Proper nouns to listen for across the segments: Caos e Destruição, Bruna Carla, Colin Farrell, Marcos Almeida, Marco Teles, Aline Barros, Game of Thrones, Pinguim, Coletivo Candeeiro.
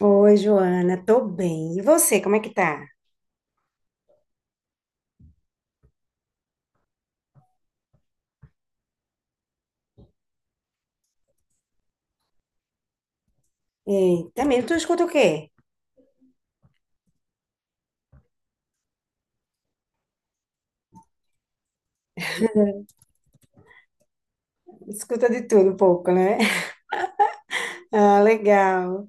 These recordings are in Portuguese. Oi, Joana, tô bem. E você, como é que tá? Eita, mesmo, tu escuta o quê? Escuta de tudo um pouco, né? Ah, legal.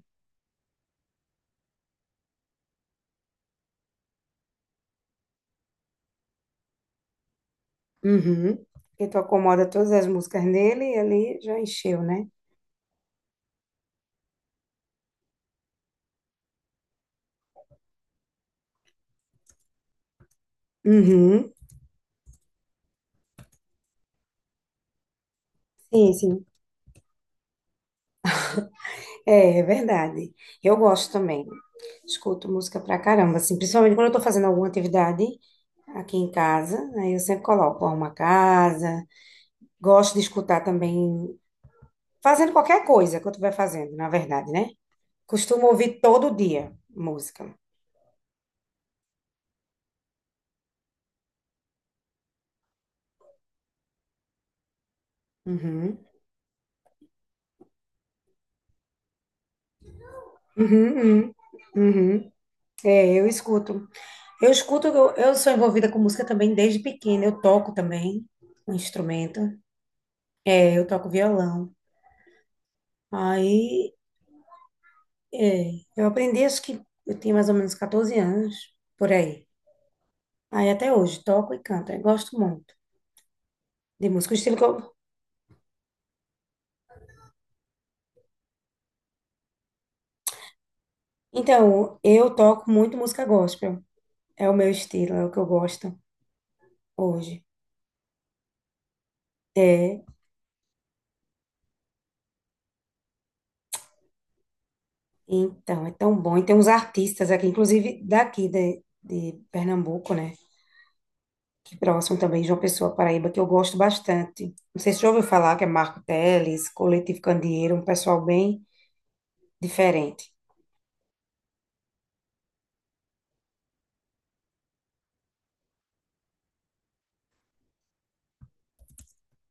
Uhum. Porque tu acomoda todas as músicas dele e ali já encheu, né? Uhum. Sim, sim. É, é verdade. Eu gosto também. Escuto música pra caramba, assim, principalmente quando eu tô fazendo alguma atividade aqui em casa, aí eu sempre coloco uma casa. Gosto de escutar também, fazendo qualquer coisa que eu estiver fazendo, na verdade, né? Costumo ouvir todo dia música. Uhum. Uhum, uhum. Uhum. É, eu escuto. Eu escuto, eu sou envolvida com música também desde pequena. Eu toco também um instrumento. É, eu toco violão. Aí, é, eu aprendi, acho que eu tinha mais ou menos 14 anos, por aí. Aí até hoje, toco e canto. Eu gosto muito de música. O estilo que eu... Então, eu toco muito música gospel. É o meu estilo, é o que eu gosto hoje. É, então, é tão bom. E tem uns artistas aqui, inclusive daqui de Pernambuco, né? Que próximo também, João Pessoa, Paraíba, que eu gosto bastante. Não sei se já ouviu falar, que é Marco Teles, Coletivo Candeeiro, um pessoal bem diferente.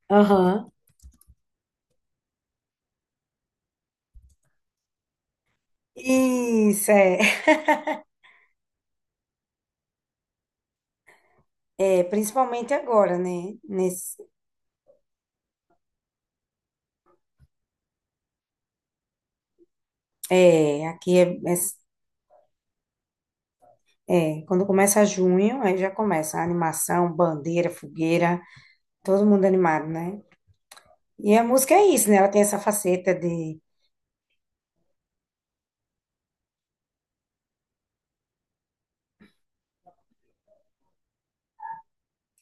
Aham. Isso, é, é principalmente agora, né? Nesse, é, aqui é, é, é, quando começa junho, aí já começa a animação, bandeira, fogueira, todo mundo animado, né? E a música é isso, né? Ela tem essa faceta de...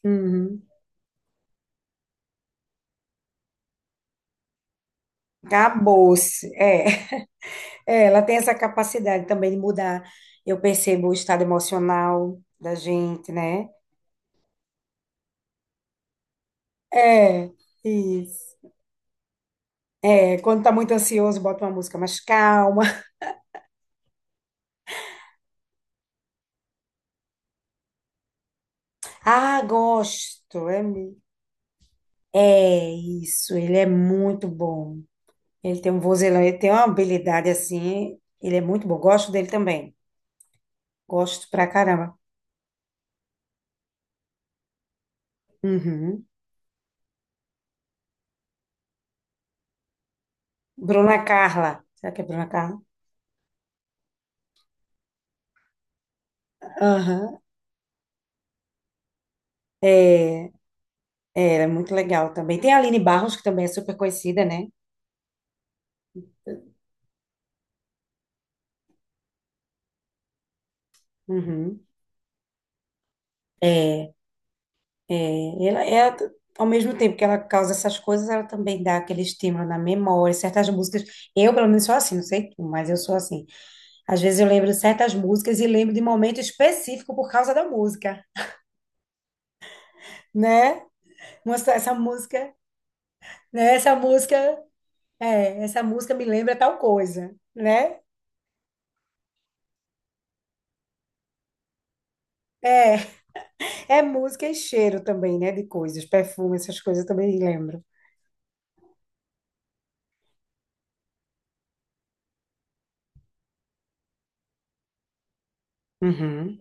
Uhum. Acabou-se. É. É, ela tem essa capacidade também de mudar. Eu percebo o estado emocional da gente, né? É, isso. É, quando tá muito ansioso, bota uma música mais calma. Ah, gosto. É, mi- é isso, ele é muito bom. Ele tem um vozelão, ele tem uma habilidade assim. Ele é muito bom. Gosto dele também. Gosto pra caramba. Uhum. Bruna Carla. Será que é Bruna Carla? Aham. É. É, ela é muito legal também. Tem a Aline Barros, que também é super conhecida, né? Uhum. É, é, ela, ao mesmo tempo que ela causa essas coisas, ela também dá aquele estímulo na memória, certas músicas. Eu, pelo menos, sou assim, não sei tu, mas eu sou assim. Às vezes eu lembro de certas músicas e lembro de momento específico por causa da música, né? Nossa, essa música, né? Essa música, é, essa música me lembra tal coisa, né? É, é música e cheiro também, né? De coisas, perfume, essas coisas eu também lembro. Uhum,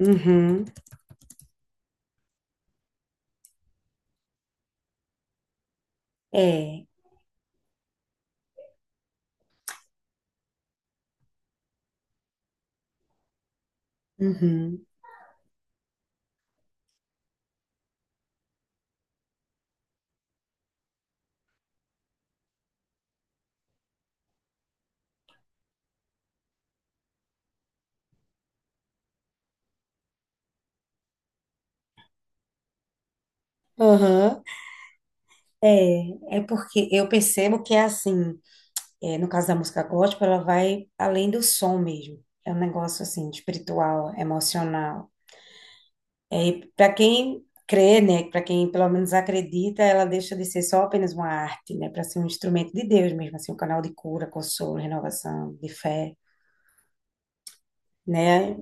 uhum, é, uhum, aham, é, é porque eu percebo que é assim, é, no caso da música gospel, ela vai além do som mesmo, é um negócio assim, espiritual, emocional, é, para quem crê, né, para quem pelo menos acredita, ela deixa de ser só apenas uma arte, né, para ser um instrumento de Deus mesmo, assim, um canal de cura, consolo, renovação, de fé, né,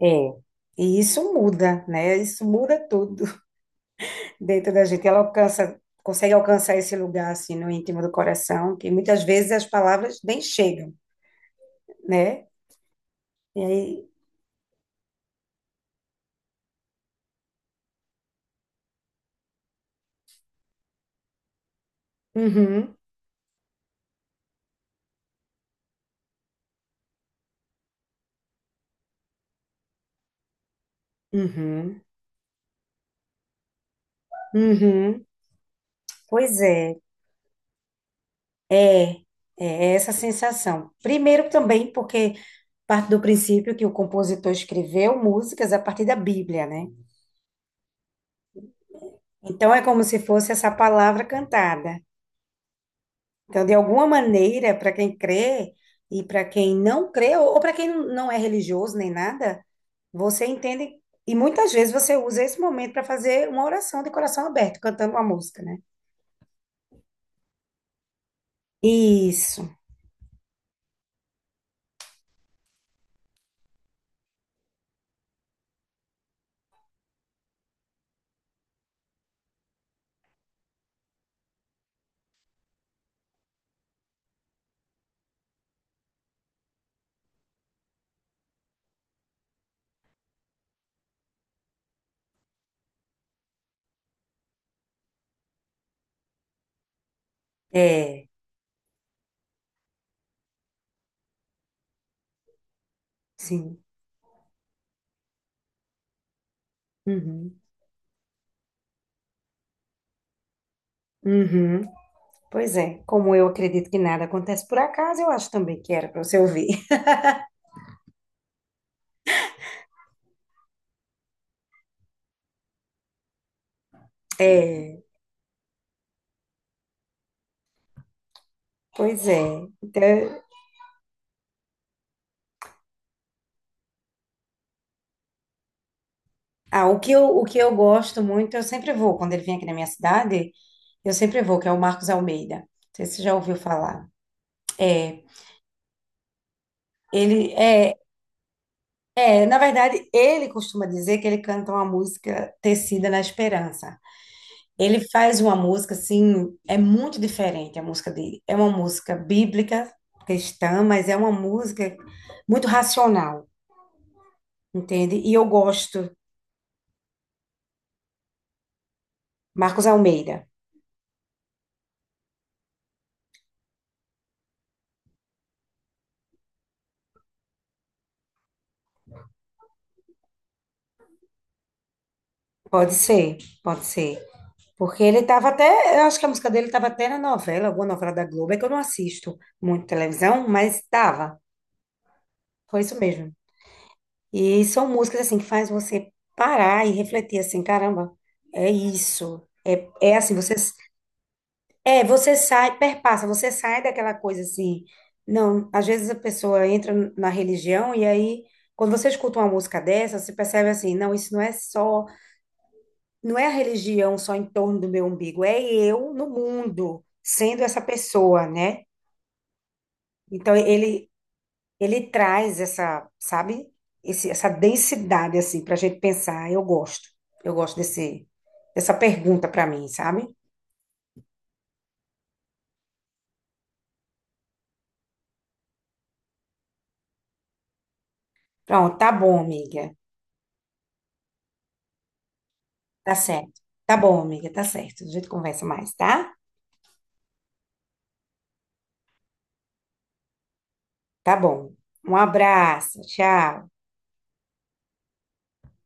é, e isso muda, né, isso muda tudo dentro da gente. Ela alcança, consegue alcançar esse lugar assim no íntimo do coração, que muitas vezes as palavras nem chegam, né? E aí, uhum, uhum, uhum. Pois é, é, é essa sensação. Primeiro também porque parte do princípio que o compositor escreveu músicas a partir da Bíblia, né? Então é como se fosse essa palavra cantada. Então, de alguma maneira, para quem crê e para quem não crê, ou para quem não é religioso nem nada, você entende, e muitas vezes você usa esse momento para fazer uma oração de coração aberto, cantando uma música, né? Isso, é, sim. Uhum, uhum. Pois é, como eu acredito que nada acontece por acaso, eu acho também que era para você ouvir. É, pois é. Então, ah, o que eu gosto muito, eu sempre vou, quando ele vem aqui na minha cidade, eu sempre vou, que é o Marcos Almeida. Não sei se você já ouviu falar. É, ele é, é, na verdade, ele costuma dizer que ele canta uma música tecida na esperança. Ele faz uma música assim, é muito diferente a música dele. É uma música bíblica, cristã, mas é uma música muito racional, entende? E eu gosto. Marcos Almeida. Pode ser, pode ser. Porque ele estava até, eu acho que a música dele estava até na novela, alguma novela da Globo, é que eu não assisto muito televisão, mas estava. Foi isso mesmo. E são músicas assim que faz você parar e refletir assim, caramba, é isso. É, é assim, você é, você sai, perpassa, você sai daquela coisa assim. Não, às vezes a pessoa entra na religião e aí quando você escuta uma música dessa, você percebe assim, não, isso não é só, não é a religião só em torno do meu umbigo, é eu no mundo, sendo essa pessoa, né? Então ele traz essa, sabe? Esse- essa densidade, assim, pra gente pensar. Eu gosto. Eu gosto dessa pergunta pra mim, sabe? Pronto, tá bom, amiga. Tá certo. Tá bom, amiga, tá certo. A gente conversa mais, tá? Tá bom. Um abraço. Tchau.